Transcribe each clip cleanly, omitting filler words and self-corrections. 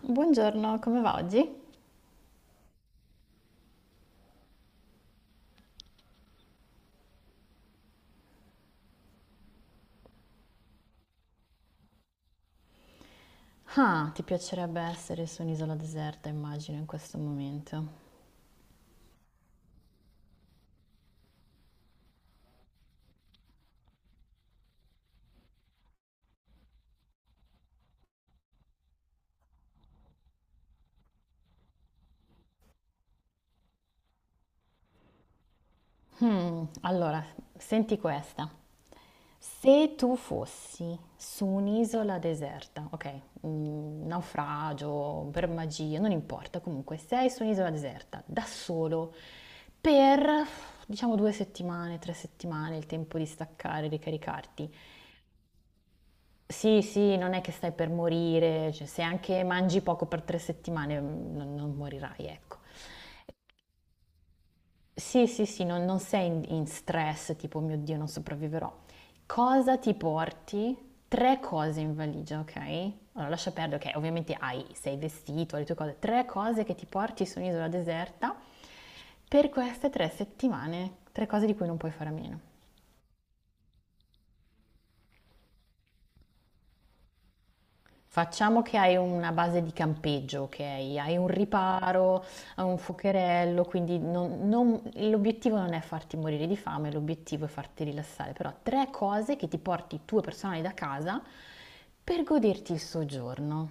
Buongiorno, come va oggi? Ah, ti piacerebbe essere su un'isola deserta, immagino, in questo momento. Allora, senti questa. Se tu fossi su un'isola deserta, ok, naufragio, per magia, non importa, comunque sei su un'isola deserta, da solo, per diciamo 2 settimane, 3 settimane, il tempo di staccare, ricaricarti. Sì, sì, non è che stai per morire, cioè, se anche mangi poco per 3 settimane non morirai, ecco. Sì, sì, sì, non sei in stress, tipo, "Oh mio Dio, non sopravviverò." Cosa ti porti? Tre cose in valigia, ok? Allora lascia perdere che ovviamente hai, sei vestito, le tue cose. Tre cose che ti porti su un'isola deserta per queste 3 settimane, tre cose di cui non puoi fare a meno. Facciamo che hai una base di campeggio, ok? Hai un riparo, hai un fuocherello, quindi l'obiettivo non è farti morire di fame, l'obiettivo è farti rilassare, però tre cose che ti porti tue personali da casa per goderti il soggiorno.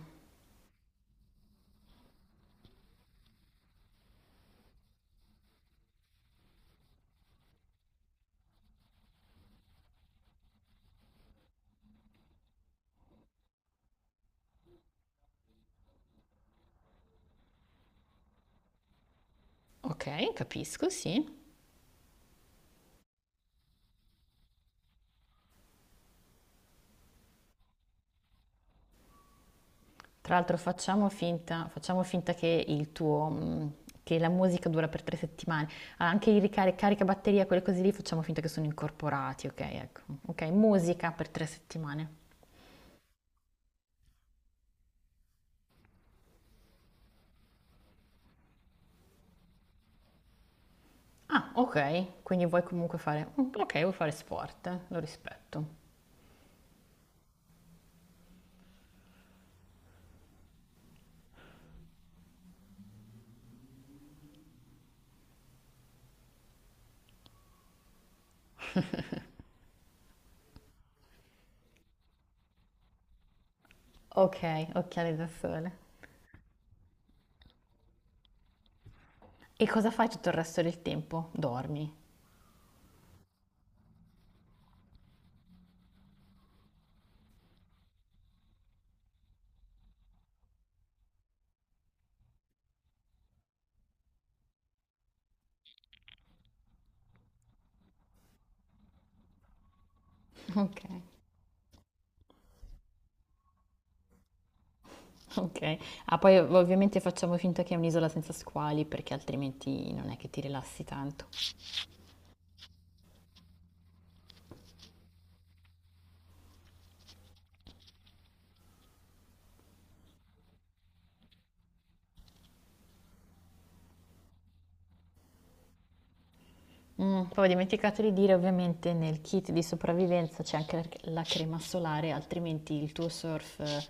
Ok, capisco, sì. Tra l'altro facciamo finta che che la musica dura per 3 settimane. Ah, anche il ricarica caricabatteria, quelle cose lì, facciamo finta che sono incorporati, ok? Ecco. Ok, musica per 3 settimane. Ah, ok, quindi vuoi comunque fare. Ok, vuoi fare sport, lo rispetto. Ok, occhiali da sole. E cosa fai tutto il resto del tempo? Dormi. Ok, ok. Ah, poi ovviamente facciamo finta che è un'isola senza squali perché altrimenti non è che ti rilassi tanto. Poi ho dimenticato di dire ovviamente nel kit di sopravvivenza c'è anche la c la crema solare, altrimenti il tuo surf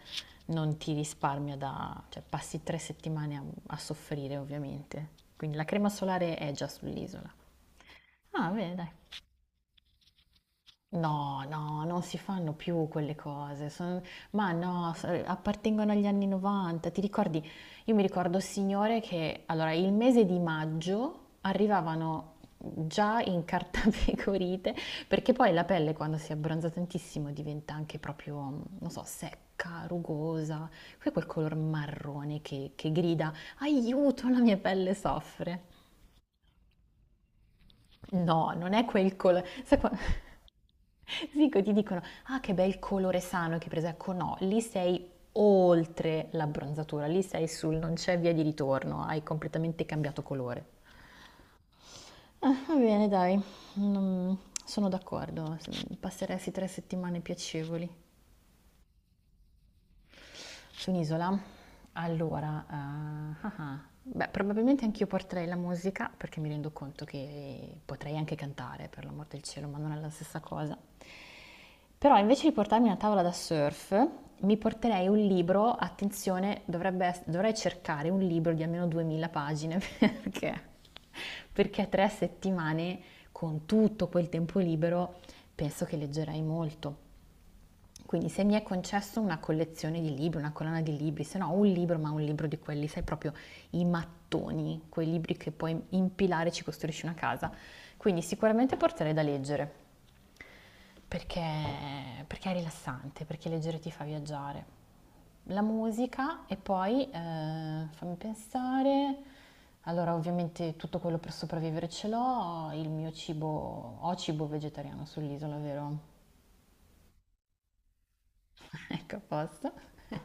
non ti risparmia da cioè passi 3 settimane a soffrire ovviamente. Quindi la crema solare è già sull'isola. Ah, bene dai. No, no, non si fanno più quelle cose, ma no, appartengono agli anni 90. Ti ricordi? Io mi ricordo, signore, che allora il mese di maggio arrivavano già in cartapecorite, perché poi la pelle quando si abbronza tantissimo diventa anche proprio, non so, secca, rugosa, poi quel color marrone che grida, aiuto, la mia pelle soffre. No, non è quel colore. Dico, ti dicono, ah che bel colore sano che hai preso, ecco no, lì sei oltre l'abbronzatura, lì sei sul non c'è via di ritorno, hai completamente cambiato colore. Ah, va bene, dai. Non- Sono d'accordo, passeresti 3 settimane piacevoli su un'isola. Allora, ah ah. Beh, probabilmente anch'io porterei la musica perché mi rendo conto che potrei anche cantare, per l'amor del cielo, ma non è la stessa cosa. Però invece di portarmi una tavola da surf, mi porterei un libro, attenzione, dovrei cercare un libro di almeno 2000 pagine perché 3 settimane con tutto quel tempo libero penso che leggerei molto. Quindi se mi è concesso una collezione di libri, una colonna di libri, se no un libro, ma un libro di quelli, sai proprio i mattoni, quei libri che puoi impilare e ci costruisci una casa. Quindi sicuramente porterei da leggere, perché è rilassante, perché leggere ti fa viaggiare. La musica e poi, fammi pensare, allora ovviamente tutto quello per sopravvivere ce l'ho, il mio cibo, ho cibo vegetariano sull'isola, vero? Ecco, a posto.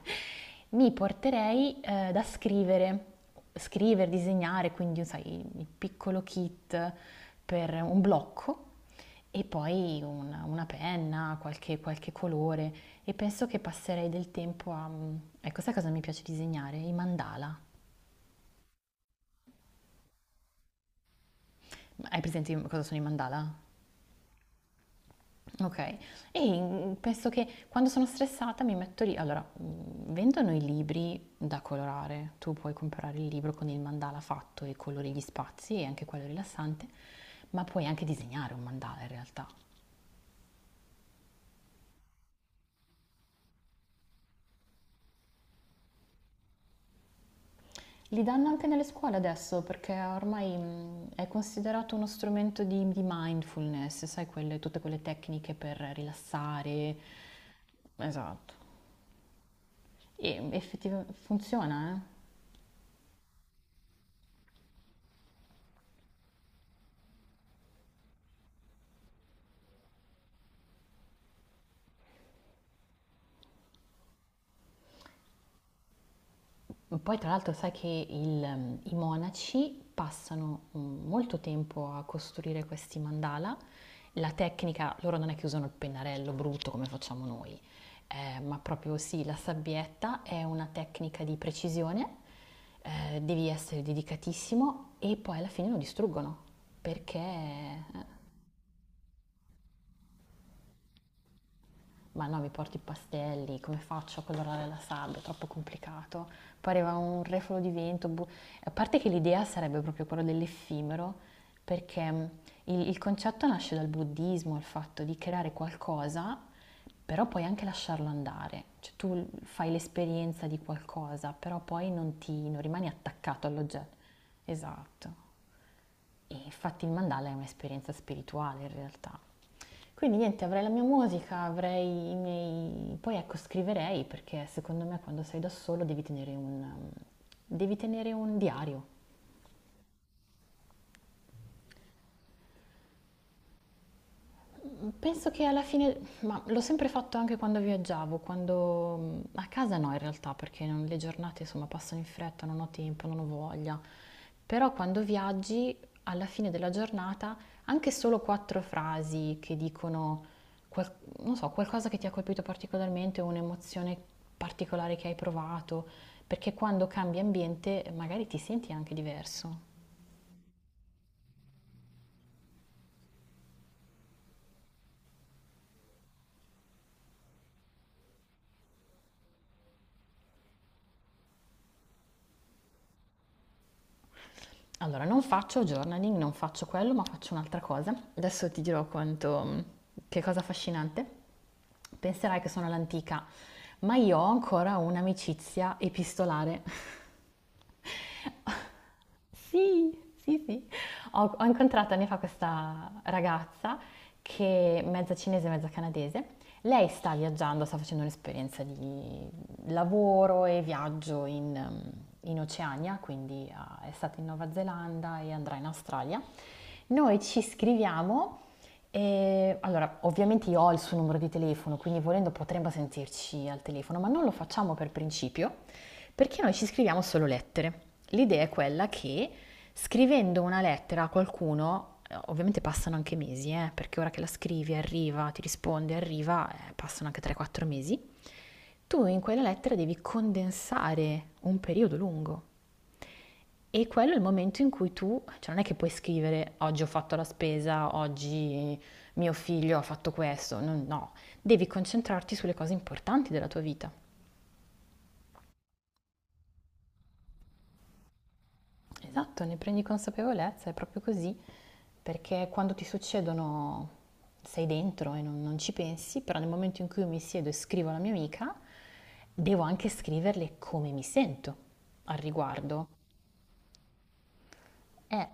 Mi porterei da scrivere, scrivere, disegnare, quindi sai, il piccolo kit per un blocco e poi una penna, qualche colore e penso che passerei del tempo a. Ecco, sai cosa mi piace disegnare? I mandala. Hai presente cosa sono i mandala? Okay. E, penso che quando sono stressata mi metto lì allora, vendono i libri da colorare, tu puoi comprare il libro con il mandala fatto e colori gli spazi e anche quello è rilassante, ma puoi anche disegnare un mandala in realtà. Li danno anche nelle scuole adesso perché ormai, è considerato uno strumento di mindfulness, sai quelle tutte quelle tecniche per rilassare. Esatto. E effettiva funziona, eh. Poi tra l'altro sai che i monaci passano molto tempo a costruire questi mandala. La tecnica, loro non è che usano il pennarello brutto come facciamo noi, ma proprio sì, la sabbietta è una tecnica di precisione, devi essere dedicatissimo e poi alla fine lo distruggono perché ma no, mi porti i pastelli, come faccio a colorare la sabbia, è troppo complicato. Pareva un refolo di vento. A parte che l'idea sarebbe proprio quella dell'effimero, perché il concetto nasce dal buddismo, il fatto di creare qualcosa, però puoi anche lasciarlo andare. Cioè tu fai l'esperienza di qualcosa, però poi non rimani attaccato all'oggetto. Esatto. E infatti il mandala è un'esperienza spirituale in realtà. Quindi niente, avrei la mia musica, avrei i miei. Poi ecco, scriverei perché secondo me quando sei da solo devi tenere un diario. Penso che alla fine, ma l'ho sempre fatto anche quando viaggiavo, quando a casa no in realtà, perché le giornate insomma passano in fretta, non ho tempo, non ho voglia. Però quando viaggi, alla fine della giornata, anche solo quattro frasi che dicono, qual- non so, qualcosa che ti ha colpito particolarmente, un'emozione particolare che hai provato, perché quando cambi ambiente magari ti senti anche diverso. Allora, non faccio journaling, non faccio quello, ma faccio un'altra cosa. Adesso ti dirò quanto, che cosa affascinante. Penserai che sono all'antica, ma io ho ancora un'amicizia epistolare. Sì, sì, sì. Ho incontrato anni fa questa ragazza che è mezza cinese, mezza canadese. Lei sta viaggiando, sta facendo un'esperienza di lavoro e viaggio in Oceania, quindi ah, è stata in Nuova Zelanda e andrà in Australia. Noi ci scriviamo e allora ovviamente io ho il suo numero di telefono, quindi volendo potremmo sentirci al telefono, ma non lo facciamo per principio perché noi ci scriviamo solo lettere. L'idea è quella che scrivendo una lettera a qualcuno, ovviamente passano anche mesi, perché ora che la scrivi arriva, ti risponde, arriva, passano anche 3-4 mesi, tu in quella lettera devi condensare un periodo lungo. E quello è il momento in cui tu, cioè non è che puoi scrivere oggi ho fatto la spesa, oggi mio figlio ha fatto questo, no, no. Devi concentrarti sulle cose importanti della tua vita. Esatto, ne prendi consapevolezza, è proprio così, perché quando ti succedono sei dentro e non ci pensi, però nel momento in cui io mi siedo e scrivo alla mia amica, devo anche scriverle come mi sento al riguardo. Eh,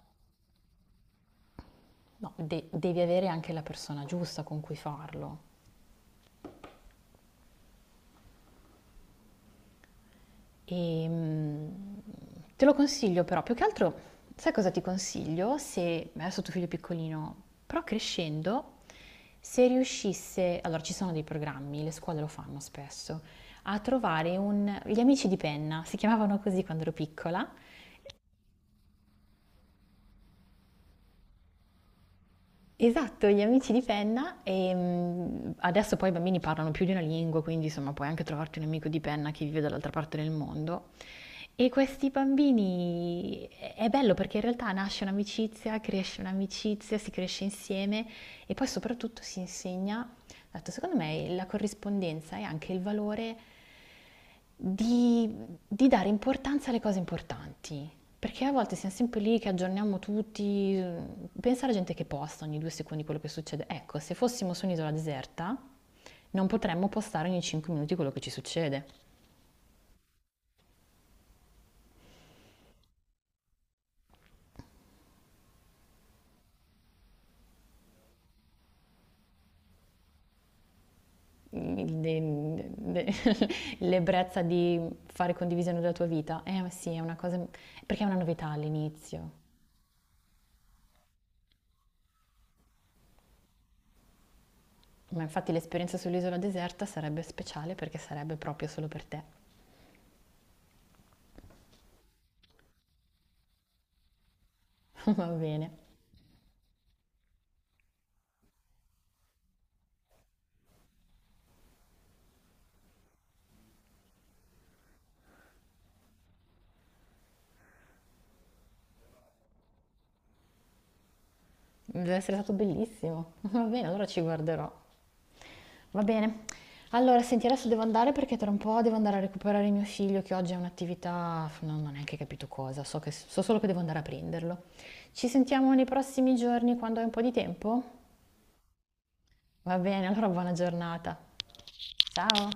no, devi avere anche la persona giusta con cui farlo. E, te lo consiglio però, più che altro, sai cosa ti consiglio? Se adesso tuo figlio è piccolino, però crescendo, se riuscisse, allora ci sono dei programmi, le scuole lo fanno spesso, a trovare gli amici di penna, si chiamavano così quando ero piccola. Esatto, gli amici di penna e adesso poi i bambini parlano più di una lingua, quindi insomma puoi anche trovarti un amico di penna che vive dall'altra parte del mondo. E questi bambini è bello perché in realtà nasce un'amicizia, cresce un'amicizia, si cresce insieme e poi soprattutto si insegna, dato secondo me la corrispondenza e anche il valore di, di dare importanza alle cose importanti. Perché a volte siamo sempre lì che aggiorniamo tutti, pensa alla gente che posta ogni due secondi quello che succede. Ecco, se fossimo su un'isola deserta non potremmo postare ogni cinque minuti quello che ci succede. il- de- de- L'ebbrezza di fare condivisione della tua vita. Ma sì, è una cosa, perché è una novità all'inizio. Ma infatti l'esperienza sull'isola deserta sarebbe speciale perché sarebbe proprio solo per te. Va bene, deve essere stato bellissimo. Va bene, allora ci guarderò. Va bene. Allora, senti, adesso devo andare perché tra un po' devo andare a recuperare mio figlio che oggi è un'attività, non ho neanche capito cosa, so solo che devo andare a prenderlo. Ci sentiamo nei prossimi giorni quando hai un po' di tempo? Va bene, allora buona giornata. Ciao.